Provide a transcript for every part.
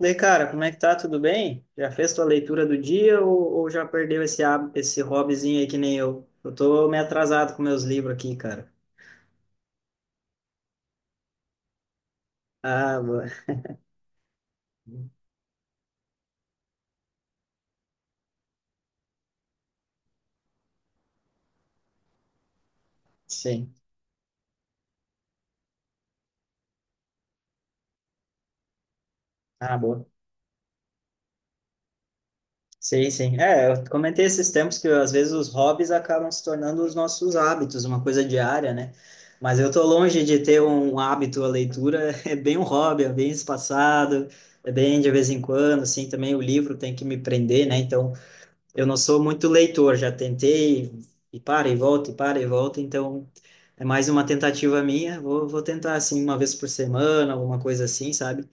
E aí, cara, como é que tá? Tudo bem? Já fez tua leitura do dia ou já perdeu esse, esse hobbyzinho aí que nem eu? Eu tô meio atrasado com meus livros aqui, cara. Ah, boa. Sim. Ah, boa. Sim, sim. É, eu comentei esses tempos que às vezes os hobbies acabam se tornando os nossos hábitos, uma coisa diária, né? Mas eu tô longe de ter um hábito, a leitura é bem um hobby, é bem espaçado, é bem de vez em quando, assim, também o livro tem que me prender, né? Então, eu não sou muito leitor, já tentei e para e volta, e para e volta, então é mais uma tentativa minha. Vou tentar, assim, uma vez por semana, alguma coisa assim, sabe?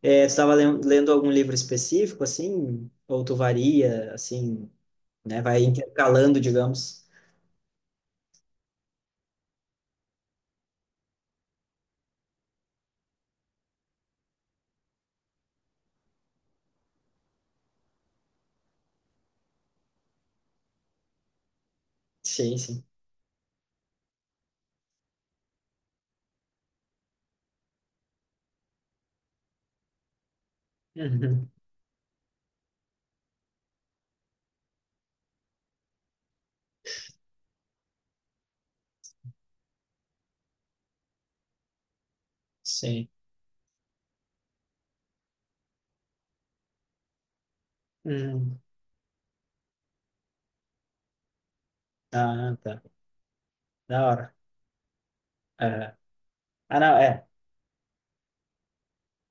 É, tu estava lendo algum livro específico, assim? Ou tu varia, assim, né? Vai intercalando, digamos. Sim, sim. Uhum. Sim. Uhum. Ah, tá. Da hora. Aham. Ah, não, é.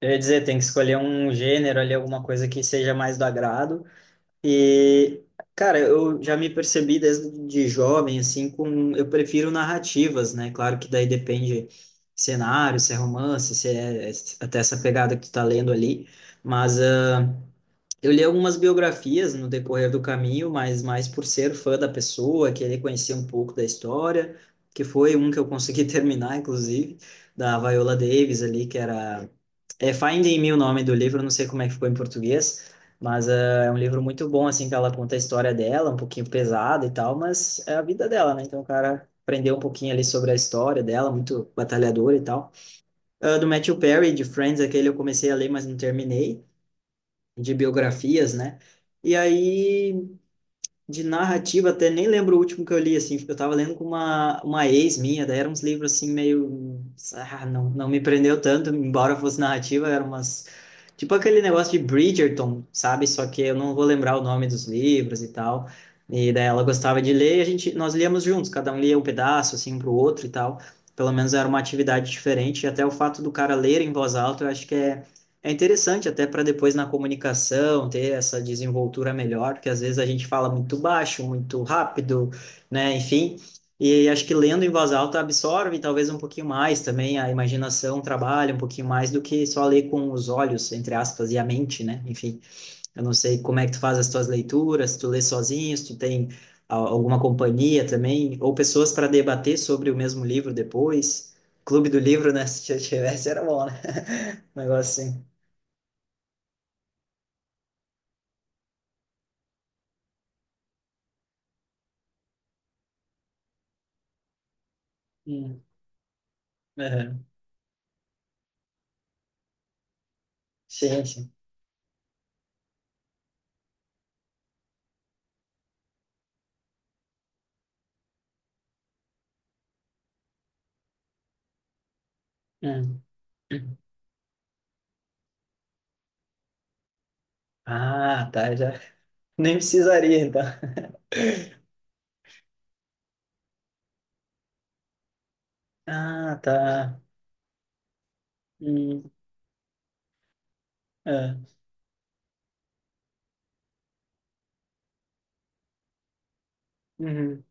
Eu ia dizer, tem que escolher um gênero ali, alguma coisa que seja mais do agrado. E, cara, eu já me percebi desde de jovem, assim, com... Eu prefiro narrativas, né? Claro que daí depende cenário, se é romance, se é até essa pegada que tu tá lendo ali. Mas ah, eu li algumas biografias no decorrer do caminho, mas mais por ser fã da pessoa, querer conhecer um pouco da história, que foi um que eu consegui terminar, inclusive, da Viola Davis ali, que era é Finding Me o nome do livro, não sei como é que ficou em português, mas ah, é um livro muito bom, assim, que ela conta a história dela, um pouquinho pesada e tal, mas é a vida dela, né? Então o cara aprendeu um pouquinho ali sobre a história dela, muito batalhadora e tal. Ah, do Matthew Perry, de Friends, aquele eu comecei a ler, mas não terminei, de biografias, né? E aí de narrativa, até nem lembro o último que eu li, assim, eu tava lendo com uma ex minha, daí eram uns livros, assim, meio, ah, não, não me prendeu tanto, embora fosse narrativa, eram umas, tipo aquele negócio de Bridgerton, sabe, só que eu não vou lembrar o nome dos livros e tal, e daí ela gostava de ler, e a gente, nós líamos juntos, cada um lia um pedaço, assim, um pro outro e tal, pelo menos era uma atividade diferente, e até o fato do cara ler em voz alta, eu acho que é interessante até para depois na comunicação ter essa desenvoltura melhor, porque às vezes a gente fala muito baixo, muito rápido, né? Enfim, e acho que lendo em voz alta absorve talvez um pouquinho mais também, a imaginação trabalha um pouquinho mais do que só ler com os olhos, entre aspas, e a mente, né? Enfim, eu não sei como é que tu faz as tuas leituras, se tu lê sozinho, se tu tem alguma companhia também, ou pessoas para debater sobre o mesmo livro depois. Clube do livro, né? Se tivesse era bom, né? Um negócio assim. Aham. Sim, sim. Hum. Ah, tá. Já nem precisaria, então. Ah, tá. Hum. Ah. Uhum.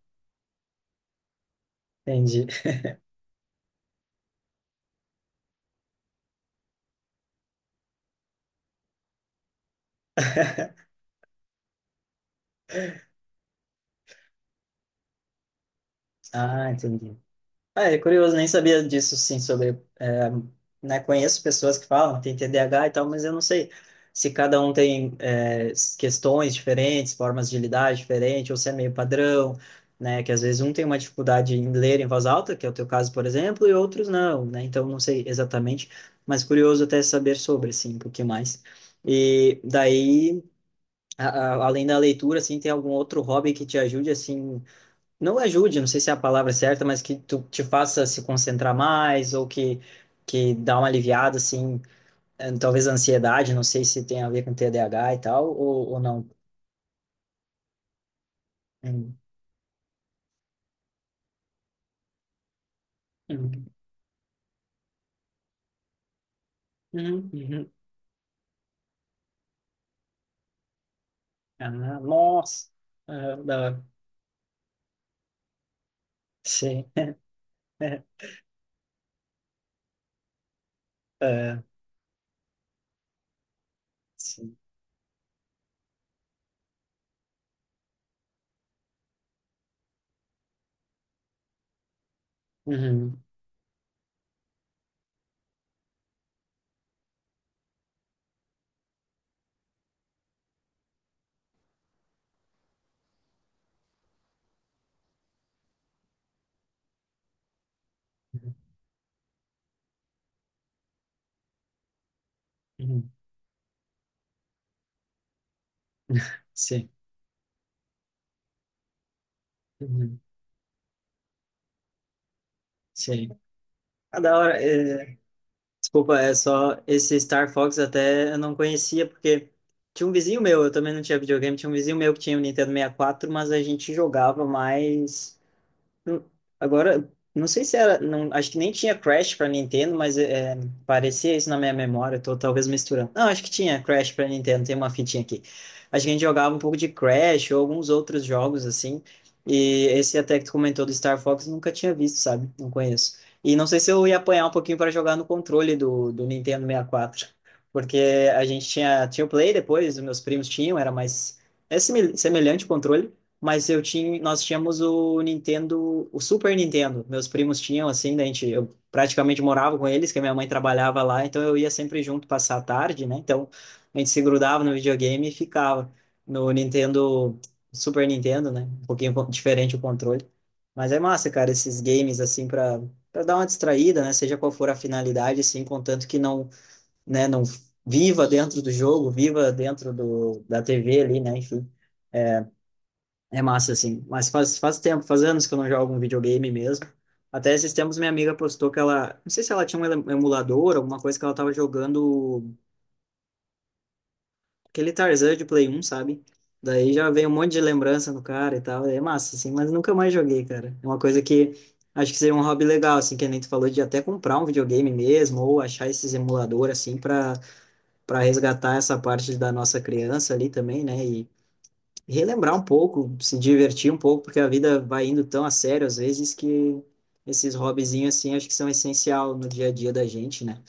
Entendi. Ah, entendi. Ah, é curioso, nem sabia disso, sim, sobre, é, né, conheço pessoas que falam, tem TDAH e tal, mas eu não sei se cada um tem, é, questões diferentes, formas de lidar diferentes, ou se é meio padrão, né, que às vezes um tem uma dificuldade em ler em voz alta, que é o teu caso, por exemplo, e outros não, né, então não sei exatamente, mas curioso até saber sobre, assim, um pouquinho mais. E daí, além da leitura, assim, tem algum outro hobby que te ajude, assim, não ajude, não sei se é a palavra certa, mas que tu te faça se concentrar mais ou que dá uma aliviada assim, talvez a ansiedade, não sei se tem a ver com TDAH e tal ou não. Hum, hum, hum, hum. Ah, nossa. Ah, da hora. Sim, ah, sim, uhum, uhum, uhum, sim, uhum, sim. Ah, da hora. Desculpa, é só esse Star Fox até eu não conhecia, porque tinha um vizinho meu, eu também não tinha videogame, tinha um vizinho meu que tinha o Nintendo 64, mas a gente jogava mais. Hum. Agora, não sei se era, não, acho que nem tinha Crash para Nintendo, mas é, parecia isso na minha memória, eu tô talvez misturando. Não, acho que tinha Crash para Nintendo, tem uma fitinha aqui. Acho que a gente jogava um pouco de Crash ou alguns outros jogos assim. E esse até que tu comentou do Star Fox, eu nunca tinha visto, sabe? Não conheço. E não sei se eu ia apanhar um pouquinho para jogar no controle do Nintendo 64, porque a gente tinha, tinha o Play depois, os meus primos tinham, era mais é semelhante o controle, mas eu tinha, nós tínhamos o Nintendo, o Super Nintendo. Meus primos tinham assim, daí a gente, eu praticamente morava com eles, que a minha mãe trabalhava lá, então eu ia sempre junto passar a tarde, né? Então a gente se grudava no videogame e ficava no Nintendo, Super Nintendo, né? Um pouquinho diferente o controle. Mas é massa, cara, esses games assim para para dar uma distraída, né? Seja qual for a finalidade, assim, contanto que não, né, não viva dentro do jogo, viva dentro do, da TV ali, né? Enfim. É massa, assim. Mas faz, faz tempo, faz anos que eu não jogo um videogame mesmo. Até esses tempos minha amiga postou que ela... Não sei se ela tinha um emulador, alguma coisa que ela tava jogando aquele Tarzan de Play 1, sabe? Daí já veio um monte de lembrança no cara e tal. É massa, assim. Mas nunca mais joguei, cara. É uma coisa que acho que seria um hobby legal, assim, que a gente falou de até comprar um videogame mesmo ou achar esses emuladores assim, para para resgatar essa parte da nossa criança ali também, né? Relembrar um pouco, se divertir um pouco, porque a vida vai indo tão a sério às vezes que esses hobbyzinhos assim acho que são essencial no dia a dia da gente, né?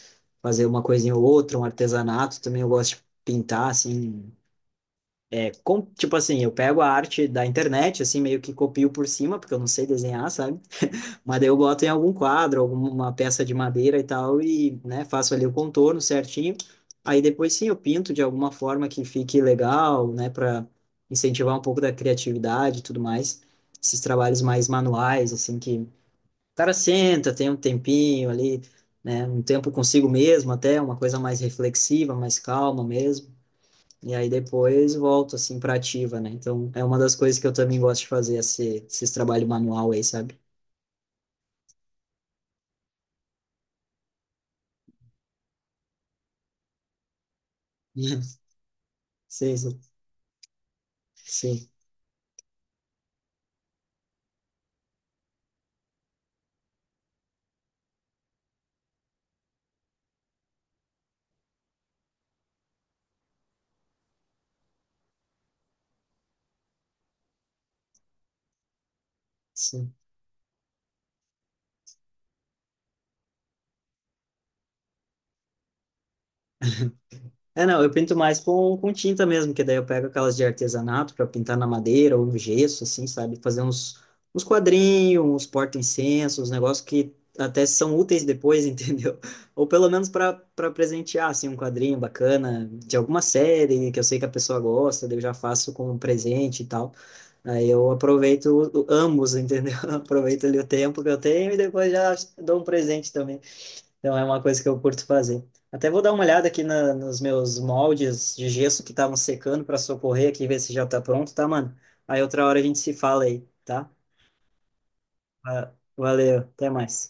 Fazer uma coisinha ou outra, um artesanato, também eu gosto de pintar assim, é tipo assim, eu pego a arte da internet assim meio que copio por cima, porque eu não sei desenhar, sabe? Mas daí eu boto em algum quadro, alguma peça de madeira e tal, e, né, faço ali o contorno certinho. Aí depois sim eu pinto de alguma forma que fique legal, né, para incentivar um pouco da criatividade e tudo mais. Esses trabalhos mais manuais, assim, que o cara senta, tem um tempinho ali, né, um tempo consigo mesmo até, uma coisa mais reflexiva, mais calma mesmo. E aí depois volto, assim, pra ativa, né? Então é uma das coisas que eu também gosto de fazer, esse trabalho manual aí, sabe? Sim, sim. Sim, sim. É, não, eu pinto mais com tinta mesmo, que daí eu pego aquelas de artesanato para pintar na madeira ou no gesso, assim, sabe? Fazer uns, uns quadrinhos, uns porta-incensos, uns negócios que até são úteis depois, entendeu? Ou pelo menos para para presentear, assim, um quadrinho bacana de alguma série que eu sei que a pessoa gosta, daí eu já faço como um presente e tal. Aí eu aproveito ambos, entendeu? Aproveito ali o tempo que eu tenho e depois já dou um presente também. Então é uma coisa que eu curto fazer. Até vou dar uma olhada aqui nos meus moldes de gesso que estavam secando para socorrer aqui, ver se já tá pronto, tá, mano? Aí outra hora a gente se fala aí, tá? Ah, valeu, até mais.